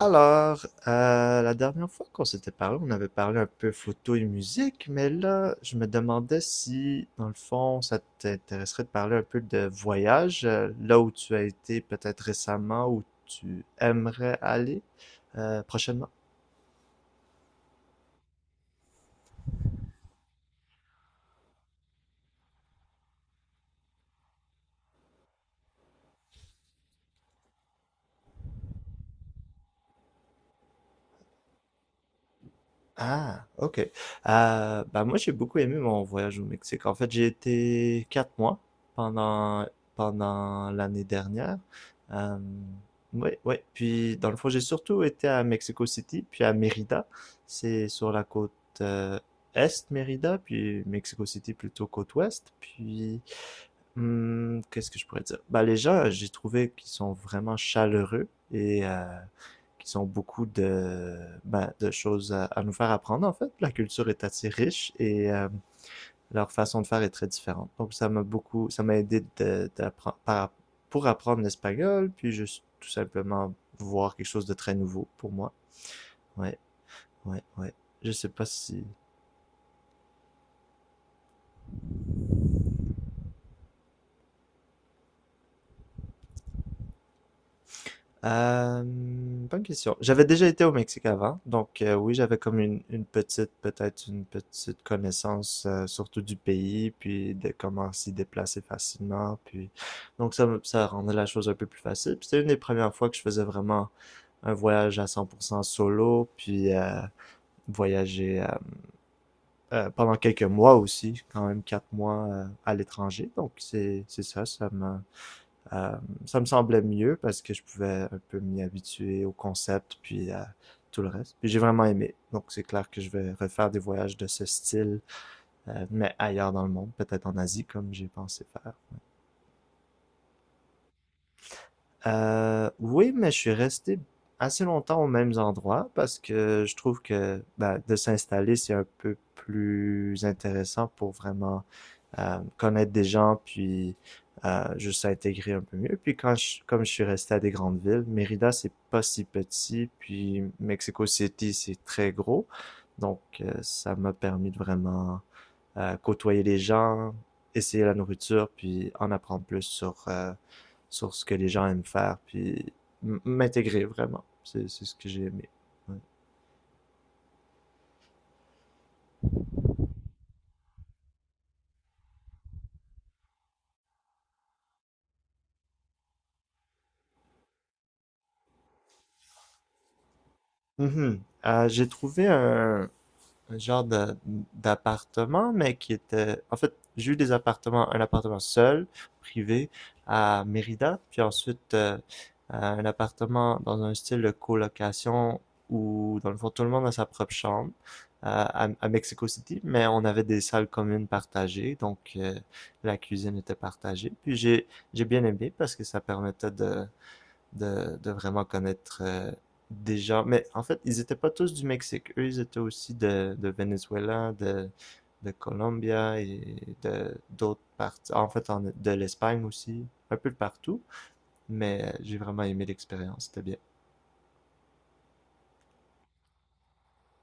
Alors, la dernière fois qu'on s'était parlé, on avait parlé un peu photo et musique, mais là, je me demandais si, dans le fond, ça t'intéresserait de parler un peu de voyage, là où tu as été peut-être récemment, où tu aimerais aller prochainement. Ah, ok. Bah moi, j'ai beaucoup aimé mon voyage au Mexique. En fait, j'ai été 4 mois pendant pendant l'année dernière. Euh, oui, oui. Puis dans le fond, j'ai surtout été à Mexico City, puis à Mérida. C'est sur la côte euh, est, Mérida, puis Mexico City plutôt côte ouest. Puis qu'est-ce que je pourrais dire? Bah les gens, j'ai trouvé qu'ils sont vraiment chaleureux, et qui ont beaucoup de, ben, de choses à nous faire apprendre, en fait. La culture est assez riche, et leur façon de faire est très différente. Donc, ça m'a beaucoup, ça m'a aidé pour apprendre l'espagnol, puis juste tout simplement voir quelque chose de très nouveau pour moi. Ouais, ouais, ouais. Je sais pas si Bonne question. J'avais déjà été au Mexique avant, donc oui, j'avais comme une petite, peut-être une petite connaissance, surtout du pays, puis de comment s'y déplacer facilement, puis donc ça rendait la chose un peu plus facile. Puis c'était une des premières fois que je faisais vraiment un voyage à 100% solo, puis voyager pendant quelques mois aussi, quand même 4 mois à l'étranger. Donc c'est ça, ça m'a euh, ça me semblait mieux parce que je pouvais un peu m'y habituer au concept, puis à tout le reste. Puis j'ai vraiment aimé. Donc c'est clair que je vais refaire des voyages de ce style, mais ailleurs dans le monde, peut-être en Asie comme j'ai pensé faire. Oui, mais je suis resté assez longtemps aux mêmes endroits parce que je trouve que, ben, de s'installer, c'est un peu plus intéressant pour vraiment connaître des gens, puis juste intégrer un peu mieux. Puis comme je suis resté à des grandes villes, Mérida, c'est pas si petit, puis Mexico City, c'est très gros. Donc, ça m'a permis de vraiment côtoyer les gens, essayer la nourriture, puis en apprendre plus sur ce que les gens aiment faire, puis m'intégrer vraiment. C'est ce que j'ai aimé. Ouais. Mm -hmm. J'ai trouvé un d'appartement, En fait, j'ai eu des appartements, un appartement seul, privé, à Mérida, puis ensuite un appartement dans un style de colocation où, dans le fond, tout le monde a sa propre chambre à Mexico City, mais on avait des salles communes partagées, donc la cuisine était partagée. Puis j'ai bien aimé parce que ça permettait de vraiment connaître des gens. Mais en fait, ils étaient pas tous du Mexique. Eux, ils étaient aussi de Venezuela, de Colombia et de d'autres parties. En fait, de l'Espagne aussi, un peu de partout. Mais j'ai vraiment aimé l'expérience, c'était bien.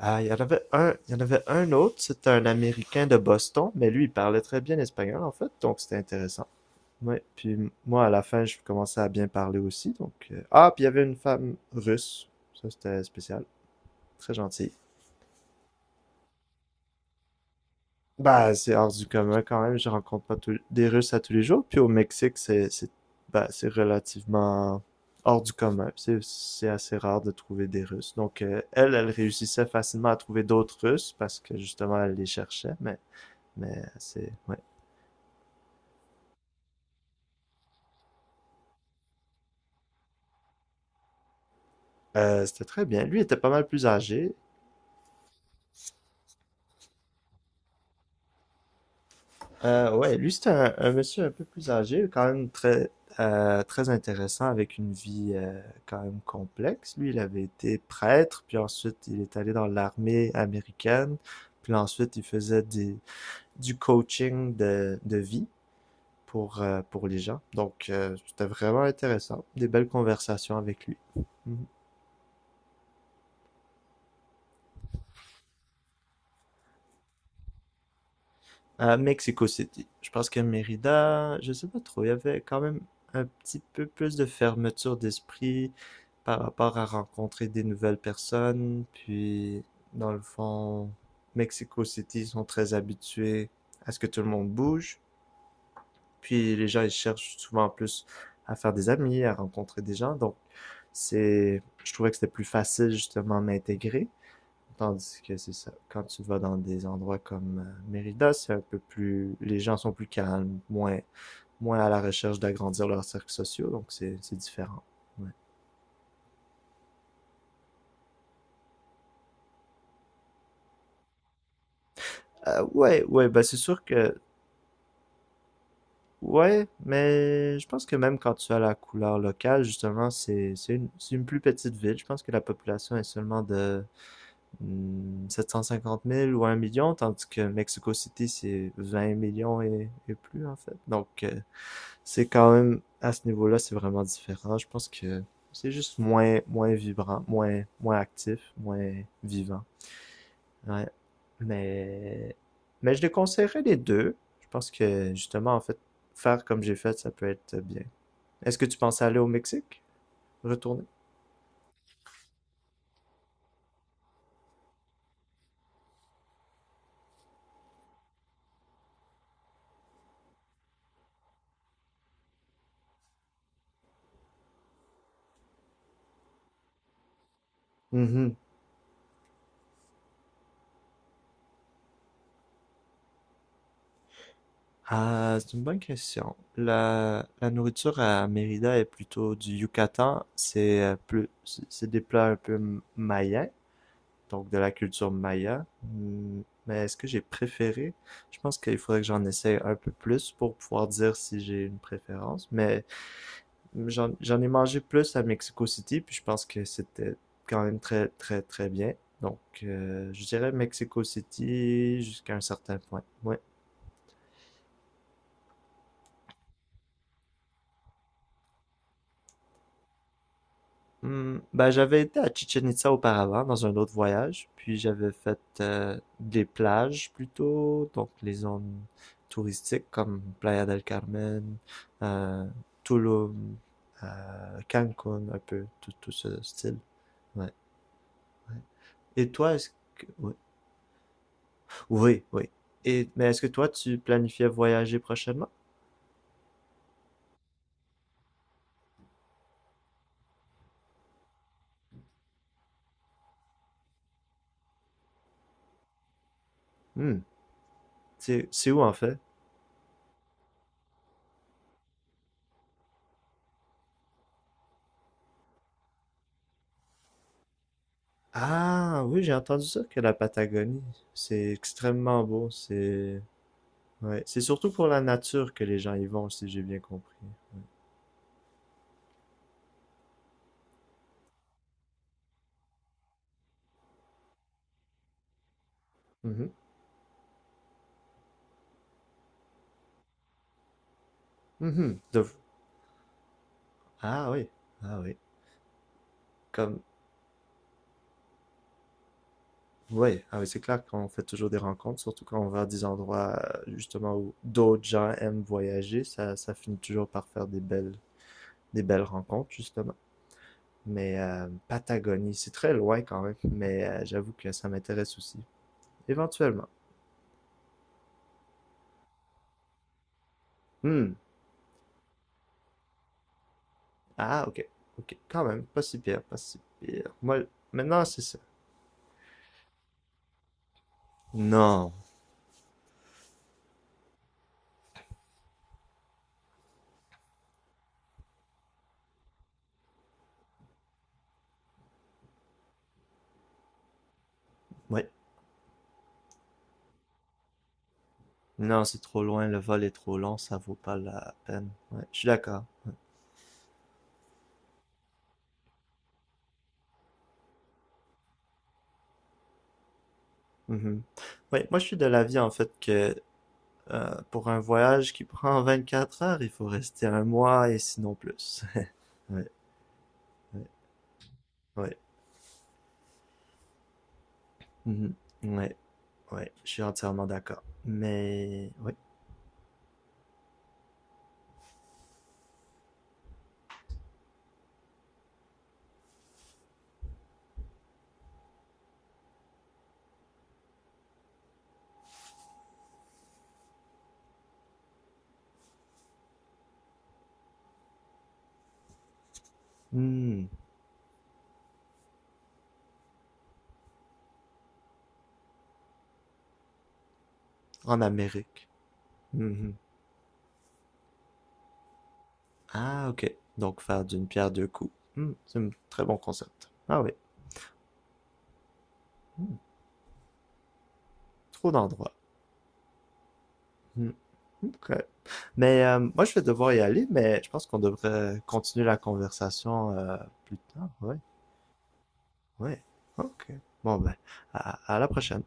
Ah, il y en avait un, il y en avait un autre, c'était un Américain de Boston, mais lui, il parlait très bien espagnol, en fait, donc c'était intéressant. Ouais, puis moi, à la fin, je commençais à bien parler aussi. Ah, puis il y avait une femme russe, ça c'était spécial. Très gentil. Bah, c'est hors du commun quand même. Je rencontre pas des Russes à tous les jours. Puis au Mexique, c'est relativement hors du commun. C'est assez rare de trouver des Russes. Donc, elle, elle réussissait facilement à trouver d'autres Russes parce que justement, elle les cherchait. Mais c'est. Ouais. C'était très bien. Lui était pas mal plus âgé. Ouais, lui, c'est un monsieur un peu plus âgé, quand même très intéressant, avec une vie quand même complexe. Lui, il avait été prêtre, puis ensuite, il est allé dans l'armée américaine, puis ensuite, il faisait du coaching de vie pour les gens. Donc, c'était vraiment intéressant. Des belles conversations avec lui. Mhm. À Mexico City. Je pense que Mérida, je sais pas trop, il y avait quand même un petit peu plus de fermeture d'esprit par rapport à rencontrer des nouvelles personnes. Puis, dans le fond, Mexico City sont très habitués à ce que tout le monde bouge. Puis, les gens, ils cherchent souvent plus à faire des amis, à rencontrer des gens. Donc, c'est, je trouvais que c'était plus facile justement à m'intégrer. Tandis que c'est ça. Quand tu vas dans des endroits comme Mérida, c'est un peu plus. Les gens sont plus calmes, moins à la recherche d'agrandir leurs cercles sociaux, donc c'est différent. Ouais. Ouais, ouais, bah c'est sûr que. Ouais, mais je pense que même quand tu as la couleur locale, justement, c'est une plus petite ville. Je pense que la population est seulement de 750 000 ou 1 million, tandis que Mexico City, c'est 20 millions et plus, en fait. Donc, c'est quand même, à ce niveau-là, c'est vraiment différent. Je pense que c'est juste moins vibrant, moins actif, moins vivant. Ouais. Mais, mais je les conseillerais les deux. Je pense que, justement, en fait, faire comme j'ai fait, ça peut être bien. Est-ce que tu pensais aller au Mexique? Retourner? Mhm. Ah, c'est une bonne question. La nourriture à Mérida est plutôt du Yucatan. C'est c'est des plats un peu mayens. Donc de la culture maya. Mais est-ce que j'ai préféré? Je pense qu'il faudrait que j'en essaye un peu plus pour pouvoir dire si j'ai une préférence. Mais j'en ai mangé plus à Mexico City, puis je pense que c'était quand même très, très, très bien. Donc, je dirais Mexico City jusqu'à un certain point. Ouais. Ben, j'avais été à Chichen Itza auparavant, dans un autre voyage, puis j'avais fait des plages plutôt, donc les zones touristiques comme Playa del Carmen, euh, Tulum, Cancun, un peu, tout, tout ce style. Ouais. Et toi, est-ce Oui, oui, oui. Et, mais est-ce que toi, tu planifiais voyager prochainement? Hmm. C'est où en fait? Ah oui, j'ai entendu ça que la Patagonie, c'est extrêmement beau, Ouais. C'est surtout pour la nature que les gens y vont, si j'ai bien compris. Mhm. Mhm. Ah oui, ah oui. Comme, ouais, ah oui, c'est clair qu'on fait toujours des rencontres, surtout quand on va à des endroits justement où d'autres gens aiment voyager, ça finit toujours par faire des belles rencontres justement. Mais Patagonie, c'est très loin quand même, mais j'avoue que ça m'intéresse aussi, éventuellement. Hmm. Ah ok, ok, quand même, pas si pire, pas si pire. Moi, maintenant c'est ça. Non, oui, non, c'est trop loin, le vol est trop long, ça vaut pas la peine. Ouais, je suis d'accord. Mhm. Ouais, moi je suis de l'avis en fait que pour un voyage qui prend 24 heures, il faut rester un mois et sinon plus. Ouais, ouais, ouais. Mhm. Ouais, ouais, je suis entièrement d'accord. Mais oui. Hmm, En Amérique. Mhm. Ah, ok. Donc faire d'une pierre deux coups. C'est un très bon concept. Ah oui. Hmm, Trop d'endroits. Hmm. OK. Mais moi, je vais devoir y aller, mais je pense qu'on devrait continuer la conversation plus tard. Oui, oui. OK. Bon, ben, à la prochaine.